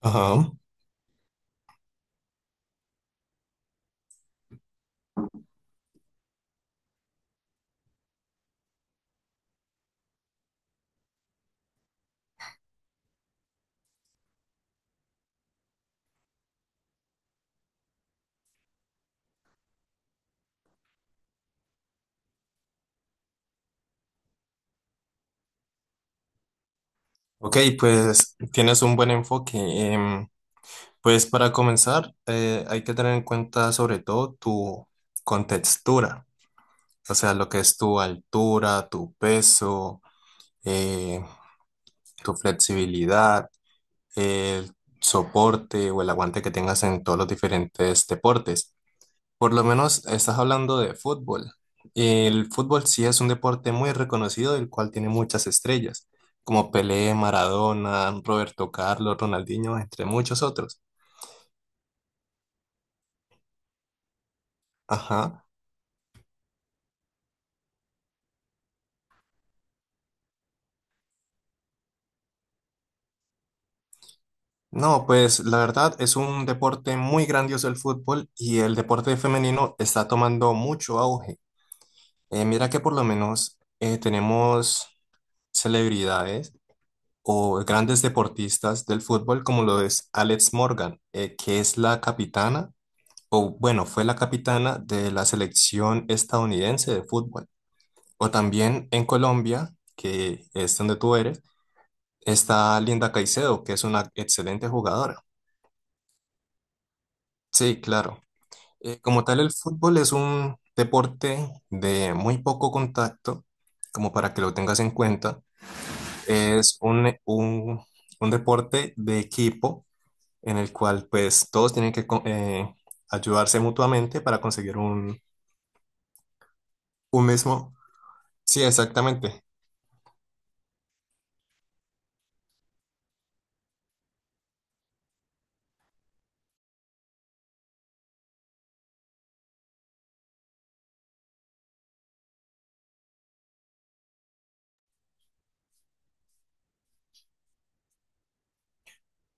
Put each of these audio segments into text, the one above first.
Ajá. Ok, pues tienes un buen enfoque. Pues para comenzar, hay que tener en cuenta sobre todo tu contextura, o sea, lo que es tu altura, tu peso, eh, tu flexibilidad, el soporte o el aguante que tengas en todos los diferentes deportes. Por lo menos estás hablando de fútbol. El fútbol sí es un deporte muy reconocido, el cual tiene muchas estrellas, como Pelé, Maradona, Roberto Carlos, Ronaldinho, entre muchos otros. Ajá. No, pues la verdad es un deporte muy grandioso el fútbol y el deporte femenino está tomando mucho auge. Mira que por lo menos tenemos celebridades o grandes deportistas del fútbol, como lo es Alex Morgan, que es la capitana o bueno, fue la capitana de la selección estadounidense de fútbol. O también en Colombia, que es donde tú eres, está Linda Caicedo, que es una excelente jugadora. Sí, claro. Como tal, el fútbol es un deporte de muy poco contacto, como para que lo tengas en cuenta. Es un deporte de equipo en el cual pues todos tienen que ayudarse mutuamente para conseguir un mismo. Sí, exactamente.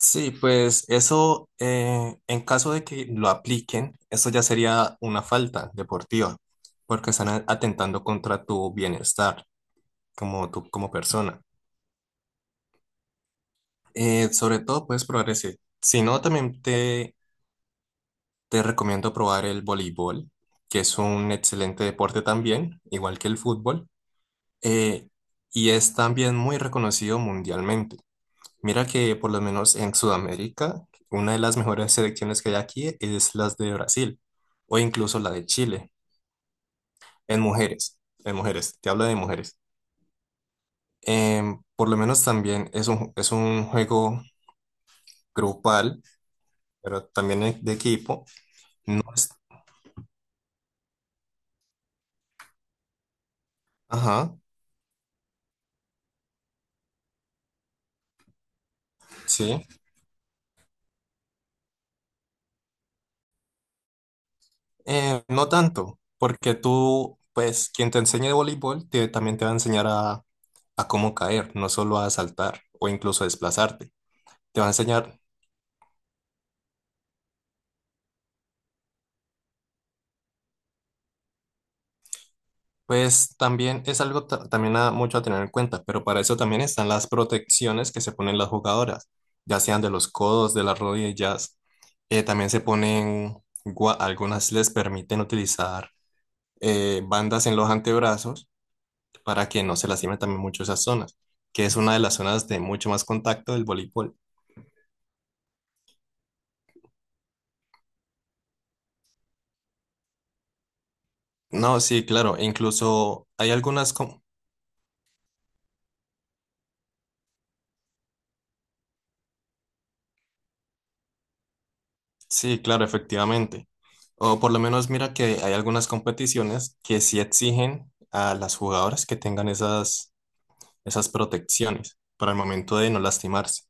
Sí, pues eso, en caso de que lo apliquen, eso ya sería una falta deportiva, porque están atentando contra tu bienestar como tú, como persona. Sobre todo puedes probar ese. Si no, también te recomiendo probar el voleibol, que es un excelente deporte también, igual que el fútbol, eh, y es también muy reconocido mundialmente. Mira que por lo menos en Sudamérica, una de las mejores selecciones que hay aquí es las de Brasil o incluso la de Chile, en mujeres, en mujeres, te hablo de mujeres. Por lo menos también es un juego grupal, pero también de equipo. No es, ajá, sí. No tanto, porque tú, pues quien te enseñe de voleibol también te va a enseñar a cómo caer, no solo a saltar o incluso a desplazarte. Te va a enseñar. Pues también es algo también mucho a tener en cuenta, pero para eso también están las protecciones que se ponen las jugadoras, ya sean de los codos, de las rodillas. También se ponen, algunas les permiten utilizar bandas en los antebrazos para que no se lastimen también mucho esas zonas, que es una de las zonas de mucho más contacto del voleibol. No, sí, claro, e incluso hay algunas, com- Sí, claro, efectivamente. O por lo menos mira que hay algunas competiciones que sí exigen a las jugadoras que tengan esas protecciones para el momento de no lastimarse.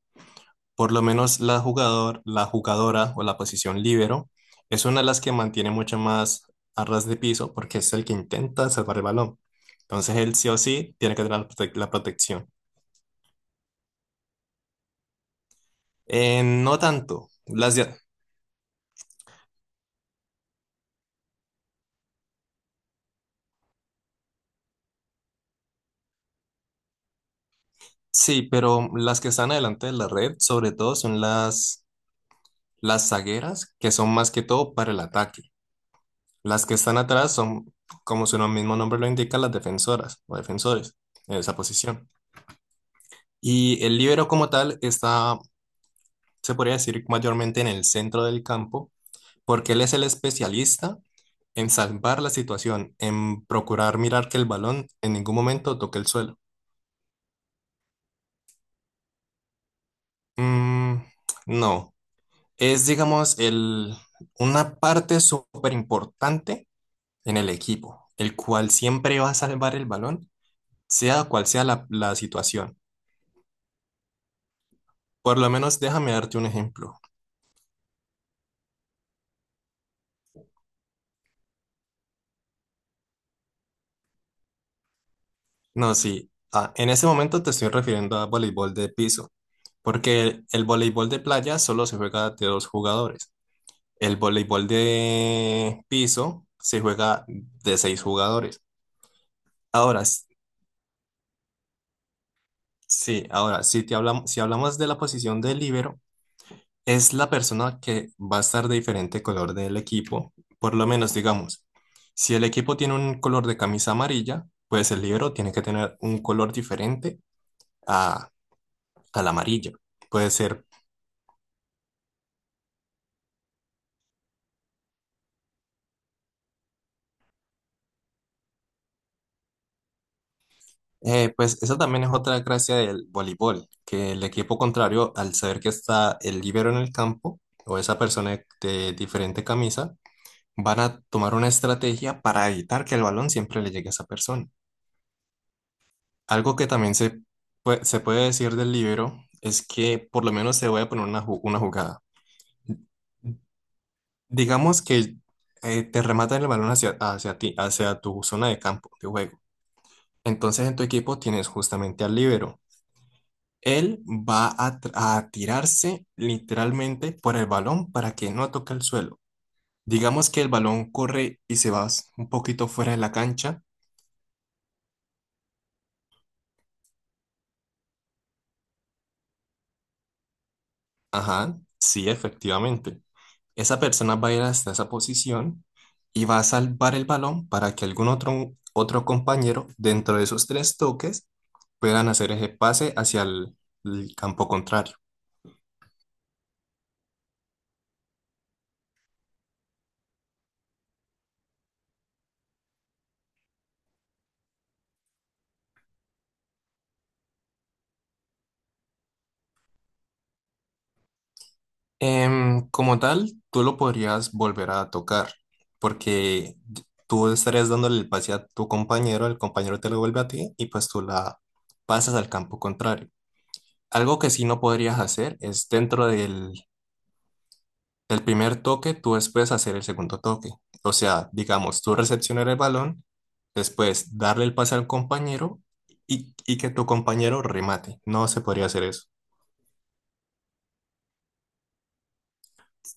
Por lo menos la jugador, la jugadora o la posición líbero es una de las que mantiene mucho más a ras de piso porque es el que intenta salvar el balón. Entonces él sí o sí tiene que tener la protección. No tanto. Las de- sí, pero las que están adelante de la red sobre todo son las. Las zagueras, que son más que todo para el ataque. Las que están atrás son, como su mismo nombre lo indica, las defensoras o defensores en esa posición. Y el líbero como tal está, se podría decir, mayormente en el centro del campo, porque él es el especialista en salvar la situación, en procurar mirar que el balón en ningún momento toque el suelo. Mm, no, es, digamos, el, una parte súper importante en el equipo, el cual siempre va a salvar el balón, sea cual sea la situación. Por lo menos déjame darte un ejemplo. No, sí, ah, en ese momento te estoy refiriendo a voleibol de piso, porque el voleibol de playa solo se juega de dos jugadores. El voleibol de piso se juega de seis jugadores. Ahora, s- sí, ahora, si te hablamos, si hablamos de la posición de líbero, es la persona que va a estar de diferente color del equipo. Por lo menos, digamos, si el equipo tiene un color de camisa amarilla, pues el libro tiene que tener un color diferente a, al amarillo. Puede ser, pues esa también es otra gracia del voleibol, que el equipo contrario, al saber que está el libero en el campo o esa persona de diferente camisa, van a tomar una estrategia para evitar que el balón siempre le llegue a esa persona. Algo que también se puede decir del libro es que por lo menos se voy a poner una jugada. Digamos que te rematan el balón hacia ti, hacia tu zona de campo de juego. Entonces en tu equipo tienes justamente al líbero. Él va a tirarse literalmente por el balón para que no toque el suelo. Digamos que el balón corre y se va un poquito fuera de la cancha. Ajá, sí, efectivamente. Esa persona va a ir hasta esa posición y va a salvar el balón para que algún otro compañero dentro de esos tres toques puedan hacer ese pase hacia el campo contrario. Como tal, tú lo podrías volver a tocar porque tú estarías dándole el pase a tu compañero, el compañero te lo vuelve a ti y pues tú la pasas al campo contrario. Algo que sí no podrías hacer es dentro del, el primer toque, tú después hacer el segundo toque. O sea, digamos, tú recepcionar el balón, después darle el pase al compañero y que tu compañero remate. No se podría hacer eso.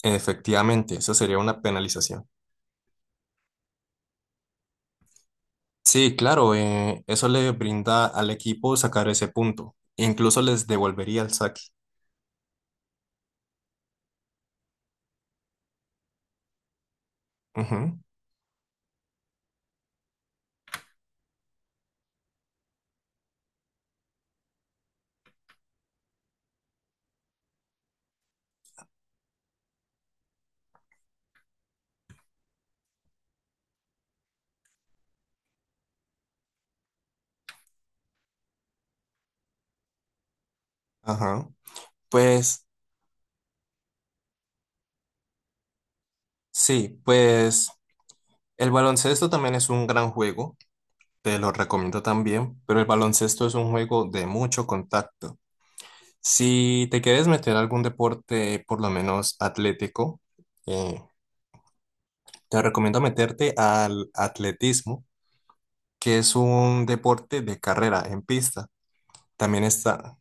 Efectivamente, eso sería una penalización. Sí, claro, eso le brinda al equipo sacar ese punto. Incluso les devolvería el saque. Ujú, ajá. Pues sí, pues el baloncesto también es un gran juego. Te lo recomiendo también, pero el baloncesto es un juego de mucho contacto. Si te quieres meter a algún deporte, por lo menos atlético, eh, te recomiendo meterte al atletismo, que es un deporte de carrera en pista. También está,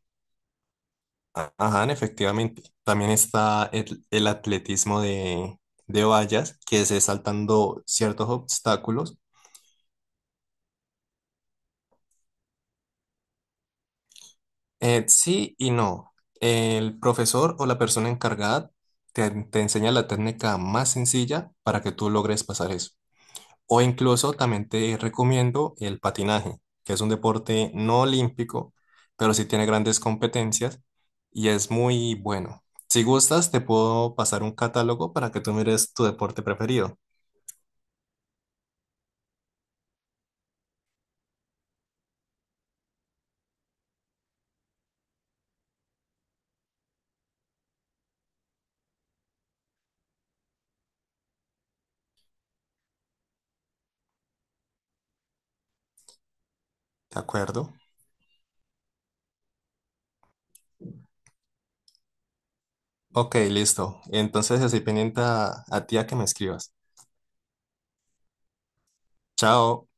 a- ajá, efectivamente, también está el atletismo de vallas, que es saltando ciertos obstáculos. Sí y no. El profesor o la persona encargada te enseña la técnica más sencilla para que tú logres pasar eso. O incluso también te recomiendo el patinaje, que es un deporte no olímpico, pero sí tiene grandes competencias y es muy bueno. Si gustas, te puedo pasar un catálogo para que tú mires tu deporte preferido. ¿De acuerdo? Ok, listo. Entonces estoy pendiente a ti a que me escribas. Chao.